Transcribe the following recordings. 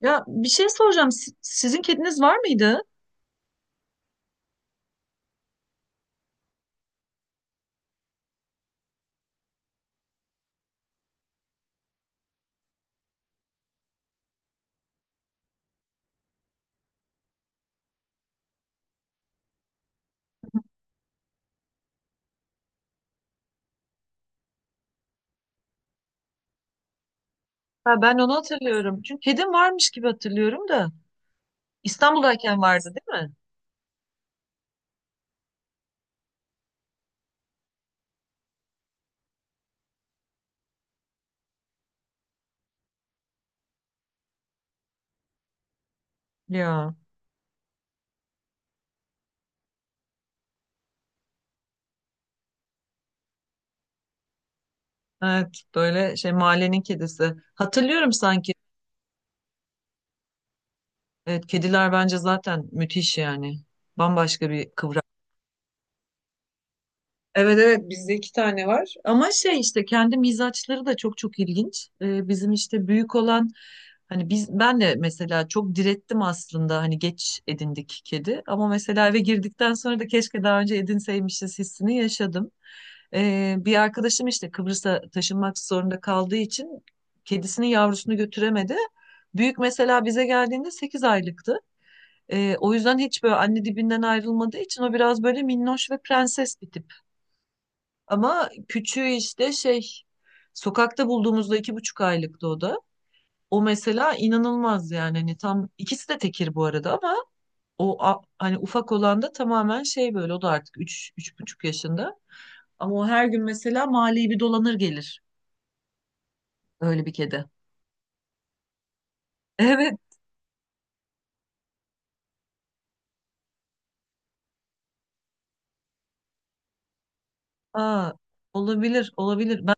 Ya bir şey soracağım. Sizin kediniz var mıydı? Ha, ben onu hatırlıyorum. Çünkü kedim varmış gibi hatırlıyorum da. İstanbul'dayken vardı değil mi? Ya evet, böyle şey mahallenin kedisi. Hatırlıyorum sanki. Evet, kediler bence zaten müthiş yani. Bambaşka bir kıvrak. Evet evet, bizde iki tane var ama şey işte kendi mizaçları da çok çok ilginç. Bizim işte büyük olan hani ben de mesela çok direttim aslında. Hani geç edindik kedi ama mesela eve girdikten sonra da keşke daha önce edinseymişiz hissini yaşadım. Bir arkadaşım işte Kıbrıs'a taşınmak zorunda kaldığı için kedisinin yavrusunu götüremedi. Büyük mesela bize geldiğinde 8 aylıktı. O yüzden hiç böyle anne dibinden ayrılmadığı için o biraz böyle minnoş ve prenses bir tip. Ama küçüğü işte şey sokakta bulduğumuzda 2,5 aylıktı o da. O mesela inanılmaz, yani hani tam ikisi de tekir bu arada ama hani ufak olan da tamamen şey böyle, o da artık 3, 3,5 yaşında. Ama o her gün mesela mahalleyi bir dolanır gelir, öyle bir kedi. Evet. Aa, olabilir olabilir.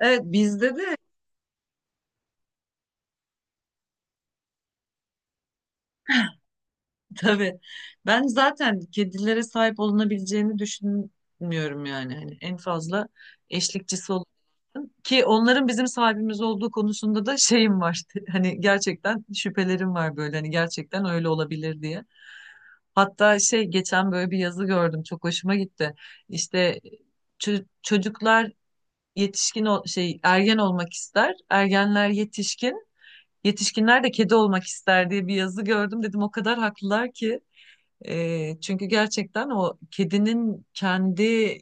evet, bizde de. Tabii. Ben zaten kedilere sahip olunabileceğini düşünmüyorum yani. Hani en fazla eşlikçisi olur. Ki onların bizim sahibimiz olduğu konusunda da şeyim var. Hani gerçekten şüphelerim var böyle. Hani gerçekten öyle olabilir diye. Hatta şey geçen böyle bir yazı gördüm. Çok hoşuma gitti. İşte çocuklar yetişkin ol- şey ergen olmak ister. Ergenler yetişkin. Yetişkinler de kedi olmak ister diye bir yazı gördüm. Dedim o kadar haklılar ki. Çünkü gerçekten o kedinin kendi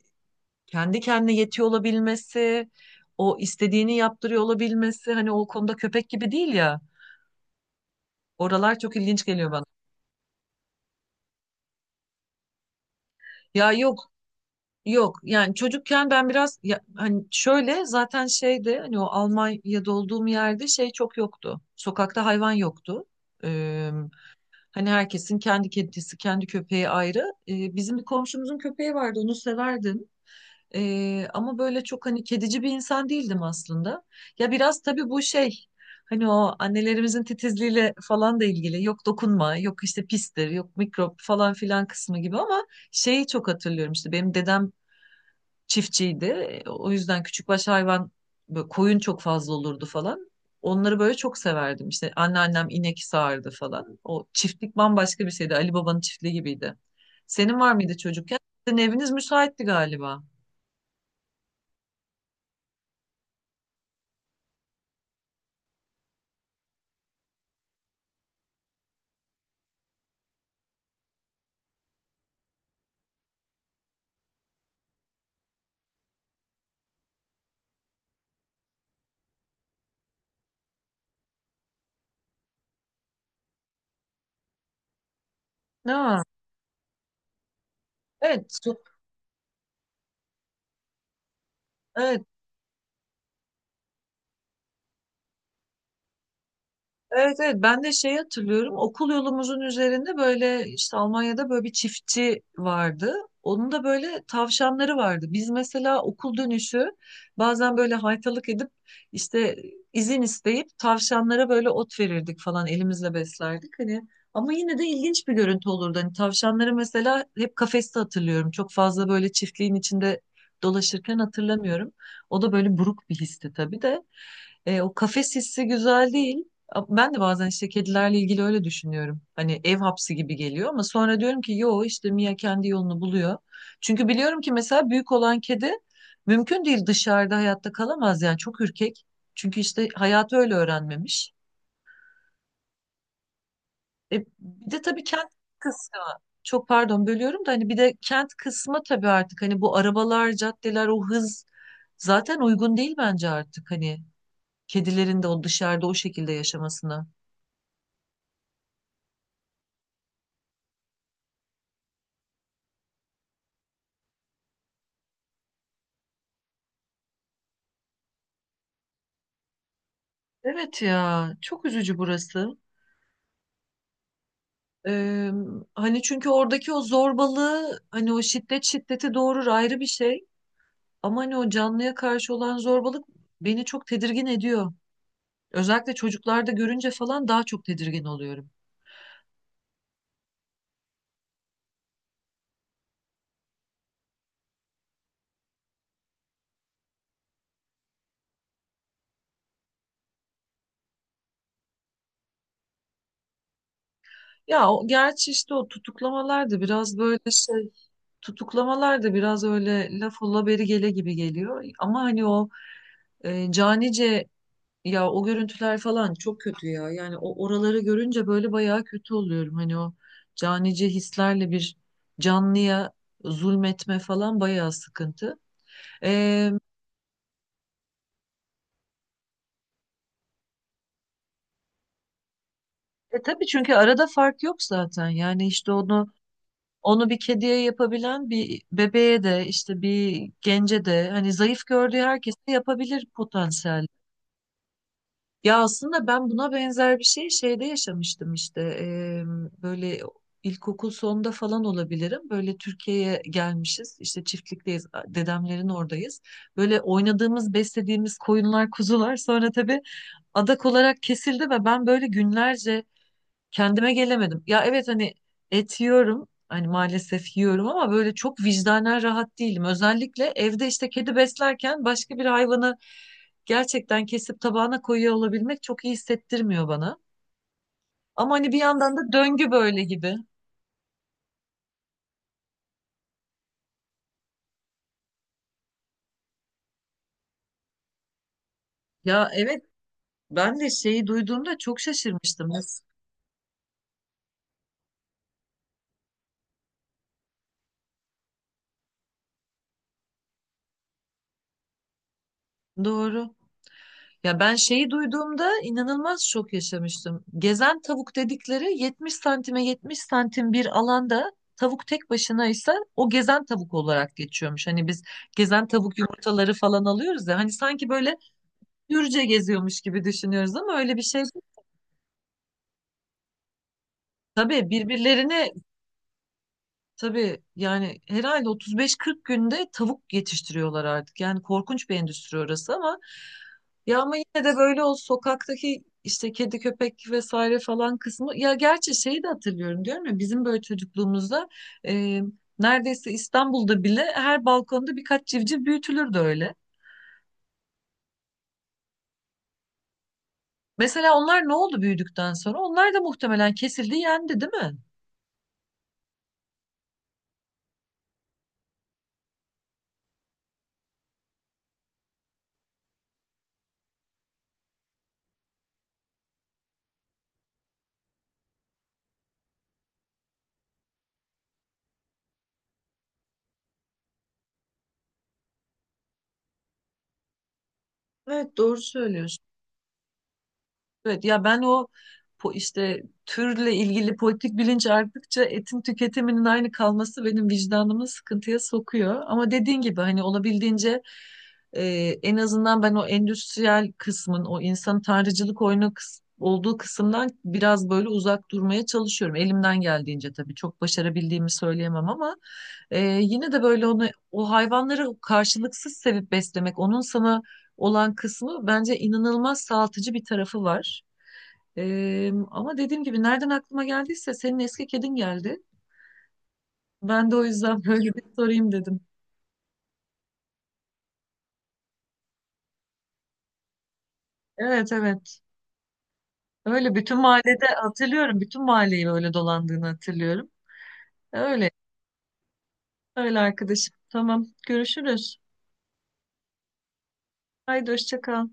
kendi kendine yetiyor olabilmesi, o istediğini yaptırıyor olabilmesi, hani o konuda köpek gibi değil ya. Oralar çok ilginç geliyor bana. Ya yok, yok yani. Çocukken ben biraz ya, hani şöyle zaten şeyde, hani o Almanya'da olduğum yerde şey çok yoktu. Sokakta hayvan yoktu. Ee, hani herkesin kendi kedisi, kendi köpeği ayrı. Bizim bir komşumuzun köpeği vardı, onu severdim. Ama böyle çok hani kedici bir insan değildim aslında. Ya biraz tabii bu şey, hani o annelerimizin titizliğiyle falan da ilgili. Yok dokunma, yok işte pistir, yok mikrop falan filan kısmı gibi ama şeyi çok hatırlıyorum. İşte benim dedem çiftçiydi. O yüzden küçükbaş hayvan böyle koyun çok fazla olurdu falan. Onları böyle çok severdim. İşte anneannem inek sağardı falan. O çiftlik bambaşka bir şeydi. Ali Baba'nın çiftliği gibiydi. Senin var mıydı çocukken? Sizin eviniz müsaitti galiba. Ne? Evet, evet, evet, evet. Ben de şey hatırlıyorum. Okul yolumuzun üzerinde böyle işte Almanya'da böyle bir çiftçi vardı. Onun da böyle tavşanları vardı. Biz mesela okul dönüşü bazen böyle haytalık edip işte izin isteyip tavşanlara böyle ot verirdik falan, elimizle beslerdik. Hani ama yine de ilginç bir görüntü olurdu. Hani tavşanları mesela hep kafeste hatırlıyorum. Çok fazla böyle çiftliğin içinde dolaşırken hatırlamıyorum. O da böyle buruk bir histi tabii de. O kafes hissi güzel değil. Ben de bazen işte kedilerle ilgili öyle düşünüyorum. Hani ev hapsi gibi geliyor ama sonra diyorum ki yo, işte Mia kendi yolunu buluyor. Çünkü biliyorum ki mesela büyük olan kedi mümkün değil dışarıda hayatta kalamaz, yani çok ürkek. Çünkü işte hayatı öyle öğrenmemiş. Bir de tabii kent kısmı. Çok pardon bölüyorum da, hani bir de kent kısmı tabii. Artık hani bu arabalar, caddeler, o hız zaten uygun değil bence artık, hani kedilerin de o dışarıda o şekilde yaşamasına. Evet ya, çok üzücü burası. Ee, hani çünkü oradaki o zorbalığı, hani o şiddet şiddeti doğurur ayrı bir şey. Ama hani o canlıya karşı olan zorbalık beni çok tedirgin ediyor. Özellikle çocuklarda görünce falan daha çok tedirgin oluyorum. Ya o, gerçi işte o tutuklamalar da biraz öyle laf ola beri gele gibi geliyor. Ama hani o canice... Ya o görüntüler falan çok kötü ya. Yani o oraları görünce böyle bayağı kötü oluyorum. Hani o canice hislerle bir canlıya zulmetme falan bayağı sıkıntı. Ee, tabii çünkü arada fark yok zaten. Yani işte onu bir kediye yapabilen, bir bebeğe de işte bir gence de, hani zayıf gördüğü herkese yapabilir potansiyel. Ya aslında ben buna benzer bir şey şeyde yaşamıştım. İşte böyle ilkokul sonunda falan olabilirim. Böyle Türkiye'ye gelmişiz, işte çiftlikteyiz, dedemlerin oradayız. Böyle oynadığımız, beslediğimiz koyunlar, kuzular sonra tabii adak olarak kesildi ve ben böyle günlerce kendime gelemedim. Ya evet, hani et yiyorum. Hani maalesef yiyorum ama böyle çok vicdanen rahat değilim. Özellikle evde işte kedi beslerken başka bir hayvanı gerçekten kesip tabağına koyuyor olabilmek çok iyi hissettirmiyor bana. Ama hani bir yandan da döngü böyle gibi. Ya evet, ben de şeyi duyduğumda çok şaşırmıştım. Doğru. Ya ben şeyi duyduğumda inanılmaz şok yaşamıştım. Gezen tavuk dedikleri 70 santime 70 santim bir alanda tavuk tek başına ise o gezen tavuk olarak geçiyormuş. Hani biz gezen tavuk yumurtaları falan alıyoruz ya, hani sanki böyle hürce geziyormuş gibi düşünüyoruz ama öyle bir şey değil. Tabii birbirlerine... Tabii yani herhalde 35-40 günde tavuk yetiştiriyorlar artık. Yani korkunç bir endüstri orası ama ya, ama yine de böyle o sokaktaki işte kedi, köpek vesaire falan kısmı. Ya gerçi şeyi de hatırlıyorum, diyorum ya, bizim böyle çocukluğumuzda e, neredeyse İstanbul'da bile her balkonda birkaç civciv büyütülürdü öyle. Mesela onlar ne oldu büyüdükten sonra? Onlar da muhtemelen kesildi, yendi değil mi? Evet doğru söylüyorsun. Evet ya, ben o işte türle ilgili politik bilinç arttıkça etin tüketiminin aynı kalması benim vicdanımı sıkıntıya sokuyor. Ama dediğin gibi hani olabildiğince e, en azından ben o endüstriyel kısmın o insan tanrıcılık oyunu olduğu kısımdan biraz böyle uzak durmaya çalışıyorum. Elimden geldiğince tabii, çok başarabildiğimi söyleyemem ama yine de böyle onu, o hayvanları karşılıksız sevip beslemek, onun sana olan kısmı bence inanılmaz sağaltıcı bir tarafı var. Ama dediğim gibi nereden aklıma geldiyse senin eski kedin geldi. Ben de o yüzden böyle bir sorayım dedim. Evet evet. Öyle bütün mahallede hatırlıyorum. Bütün mahalleyi öyle dolandığını hatırlıyorum. Öyle. Öyle arkadaşım. Tamam. Görüşürüz. Haydi hoşça kal.